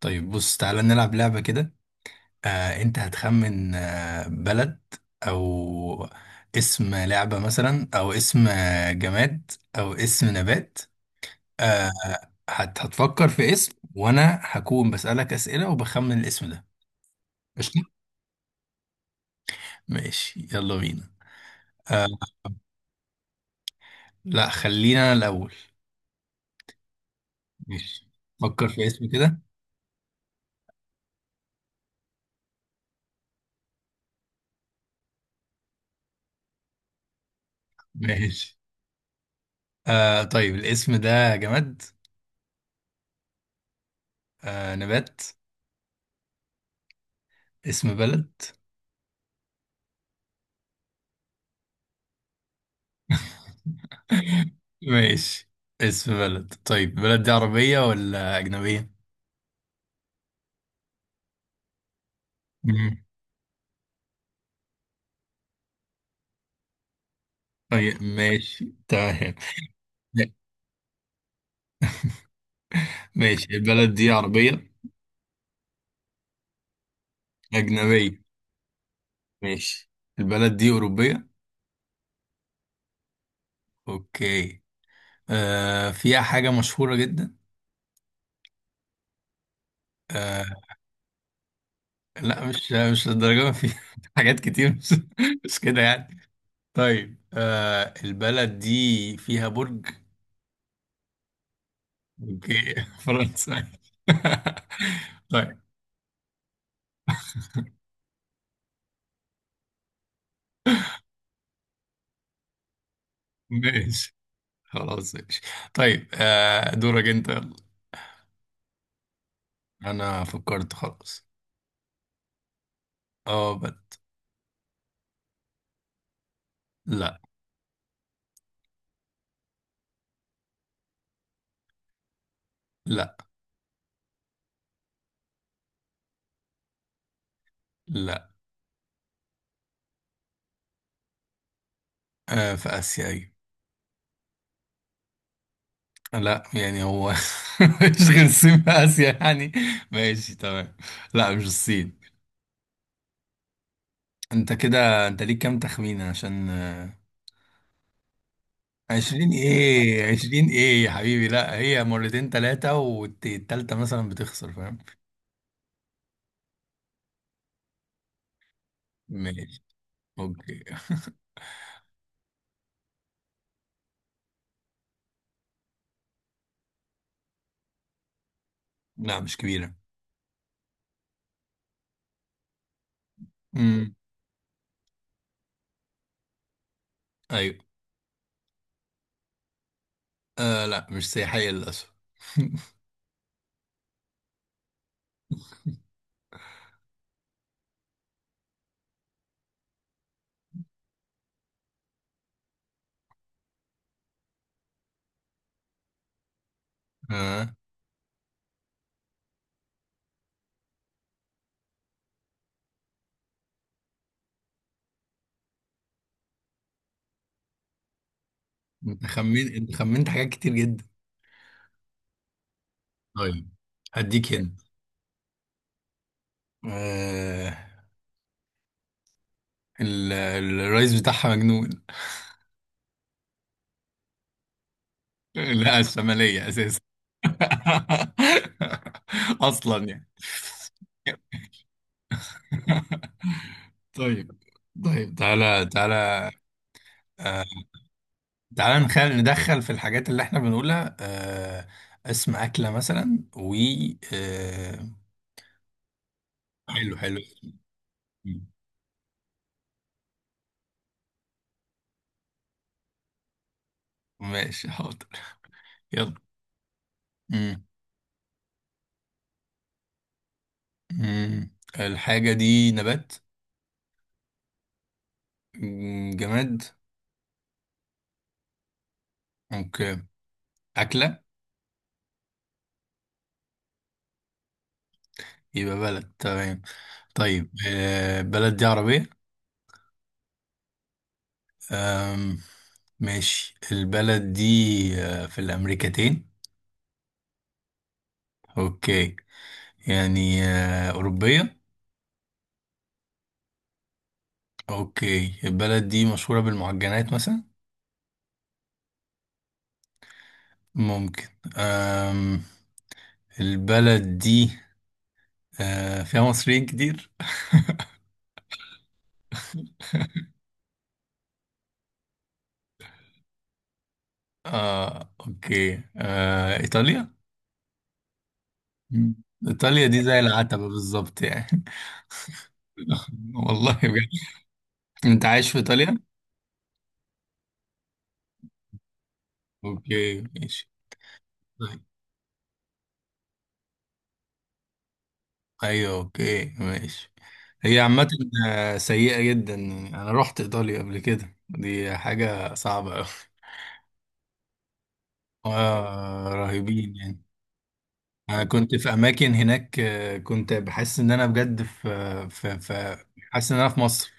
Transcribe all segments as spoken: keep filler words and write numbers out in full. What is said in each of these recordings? طيب بص تعالى نلعب لعبة كده. آه انت هتخمن آه بلد او اسم لعبة مثلا او اسم آه، جماد او اسم نبات. آه هت هتفكر في اسم وانا هكون بسألك اسئلة وبخمن الاسم ده. قشطة. ماشي يلا بينا. لا خلينا انا الاول. ماشي، فكر في اسم كده. ماشي. آه طيب الاسم ده جماد؟ آه نبات؟ اسم بلد؟ ماشي، اسم بلد. طيب بلد دي عربية ولا أجنبية؟ مم. طيب ماشي تمام. ماشي، البلد دي عربية؟ أجنبية. ماشي، البلد دي أوروبية. أوكي. آه فيها حاجة مشهورة جدا؟ آه لا مش مش للدرجة ما فيها حاجات كتير، مش, مش كده يعني. طيب، آه البلد دي فيها برج؟ أوكي فرنسا. طيب. ماشي، خلاص ماشي. طيب، آه دورك انت، يلا. انا فكرت، خلاص. اه بد. لا. لا. لا. آه في اسيا، ايوه. لا، يعني هو مش غير الصين في اسيا يعني؟ ماشي تمام. لا مش الصين. انت كده انت ليك كام تخمينه عشان آه، عشرين ايه؟ عشرين ايه يا حبيبي؟ لا، هي مرتين تلاتة والتالتة مثلا بتخسر، فاهم؟ ماشي. اوكي. لا مش كبيرة. امم. ايوه. آه لا مش سياحية للأسف. اه، انت خمنت، انت خمنت حاجات كتير جدا. طيب هديك هند. آه... ال... الرئيس بتاعها مجنون. لا الشمالية أساسا. أصلا يعني. طيب. طيب تعالى، تعالى. آه... تعالى نخل... ندخل في الحاجات اللي احنا بنقولها. آه... اسم أكلة مثلا و آه... حلو حلو. ماشي حاضر. يلا. مم. الحاجة دي نبات؟ مم، جماد؟ اوكي، أكلة؟ يبقى بلد، تمام. طيب آه، البلد دي عربية؟ آم، ماشي، البلد دي آه، في الأمريكتين؟ اوكي، يعني آه، أوروبية. اوكي، البلد دي مشهورة بالمعجنات مثلا؟ ممكن. آم، البلد دي آه، فيها مصريين كتير؟ اه اوكي، آه، إيطاليا. مم. إيطاليا دي زي العتبة بالظبط يعني. والله بجد. أنت عايش في إيطاليا؟ أوكي ماشي. طيب. أيوه أوكي ماشي. هي عامة آه، سيئة جدا، يعني أنا رحت إيطاليا قبل كده، دي حاجة صعبة أوي. آه رهيبين يعني. أنا كنت في أماكن هناك آه، كنت بحس إن أنا بجد في آه، في في حاسس إن أنا في مصر،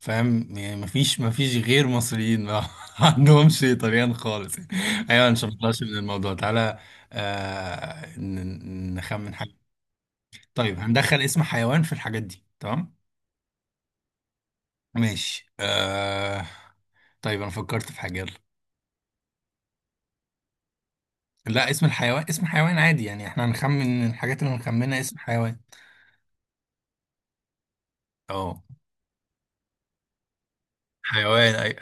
فاهم يعني؟ مفيش مفيش غير مصريين، ما عندهمش طليان خالص يعني. ايوه مش هنطلعش من الموضوع، تعالى آه ن- نخمن حاجه. طيب هندخل اسم حيوان في الحاجات دي، تمام؟ ماشي. آه، طيب انا فكرت في حاجه، يلا. لا اسم الحيوان، اسم حيوان عادي يعني، احنا هنخمن الحاجات اللي هنخمنها، اسم حيوان. اه، حيوان اي.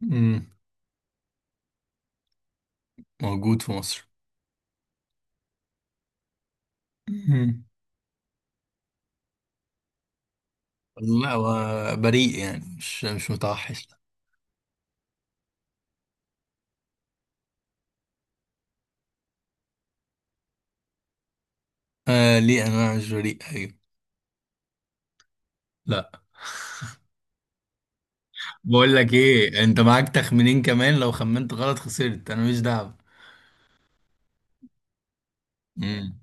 مم. موجود في مصر. مم. لا، هو بريء يعني، مش مش متوحش. آه ليه انواع، مش بريء، ايوه. لا. بقول لك ايه، انت معاك تخمينين كمان، لو خمنت غلط خسرت، انا مش دعوه. مم.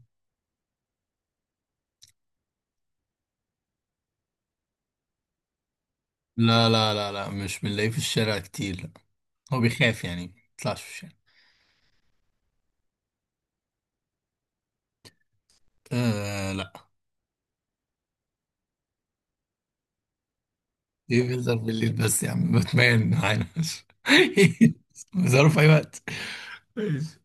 لا لا لا لا مش بنلاقيه في الشارع كتير، لا. هو بيخاف يعني، ما بيطلعش في الشارع. آه لا. ايه بيظهر بالليل بس؟ يا عم باتمان معانا! بيظهروا في اي وقت. ماشي.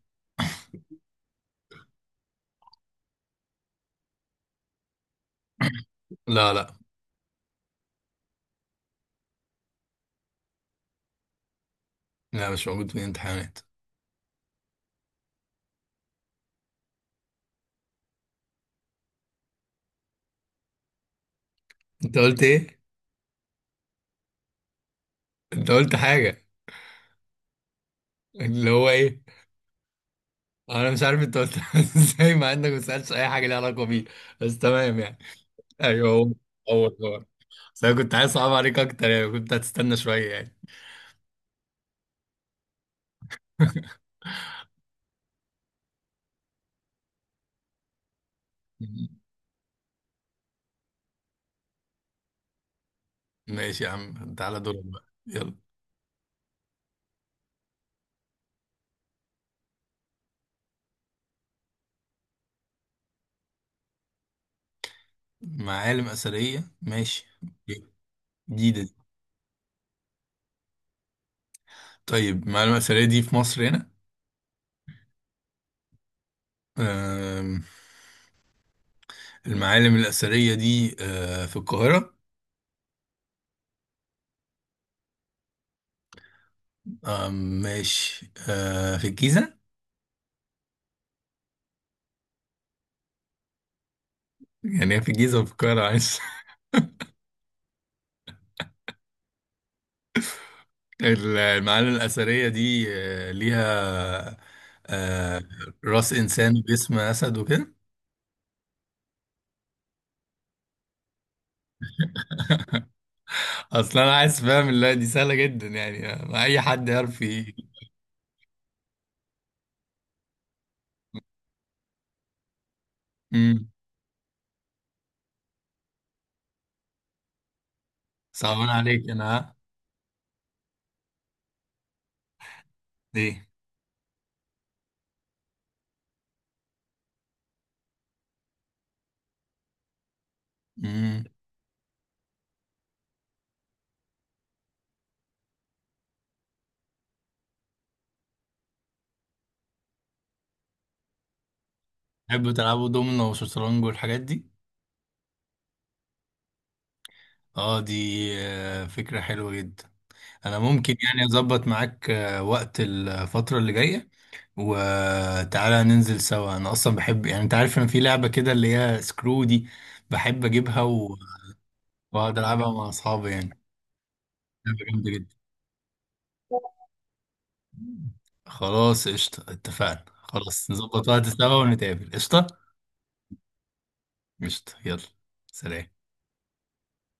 لا لا لا مش موجود في الامتحانات. انت قلت ايه؟ انت قلت حاجه. اللي هو ايه؟ انا مش عارف انت قلت ازاي مع انك ما سالتش اي حاجه ليها علاقه بيه، بس تمام يعني. ايوه هو. هو هو بس انا كنت عايز اصعب عليك اكتر يعني، كنت هتستنى شويه يعني. ماشي يا عم، تعالى دورك بقى، يلا. معالم اثريه، ماشي. جديده دي. طيب معالم اثريه دي في مصر هنا؟ أم، المعالم الاثريه دي أه، في القاهره؟ أم، ماشي أه، في الجيزه؟ يعني هي في الجيزه وفي القاهره، عايز المعالم الاثريه دي أه، ليها أه، راس انسان باسم اسد وكده. اصل انا عايز، فاهم؟ اللي دي سهله جدا يعني، ما اي حد يعرف ي- امم. صعبان عليك انا، ها؟ ليه؟ امم. تحبوا تلعبوا دومينو وشطرنج والحاجات دي؟ اه دي آه، فكره حلوه جدا. انا ممكن يعني اظبط معاك آه، وقت الفتره اللي جايه، وتعالى ننزل سوا. انا اصلا بحب يعني، انت عارف ان في لعبه كده اللي هي سكرو دي؟ بحب اجيبها و- واقعد العبها مع اصحابي يعني. لعبه جامده جدا. خلاص قشطة، اتفقنا، خلاص نظبط وقت خلاص سوا ونتقابل، قشطة. قشطة، يلا. سلام.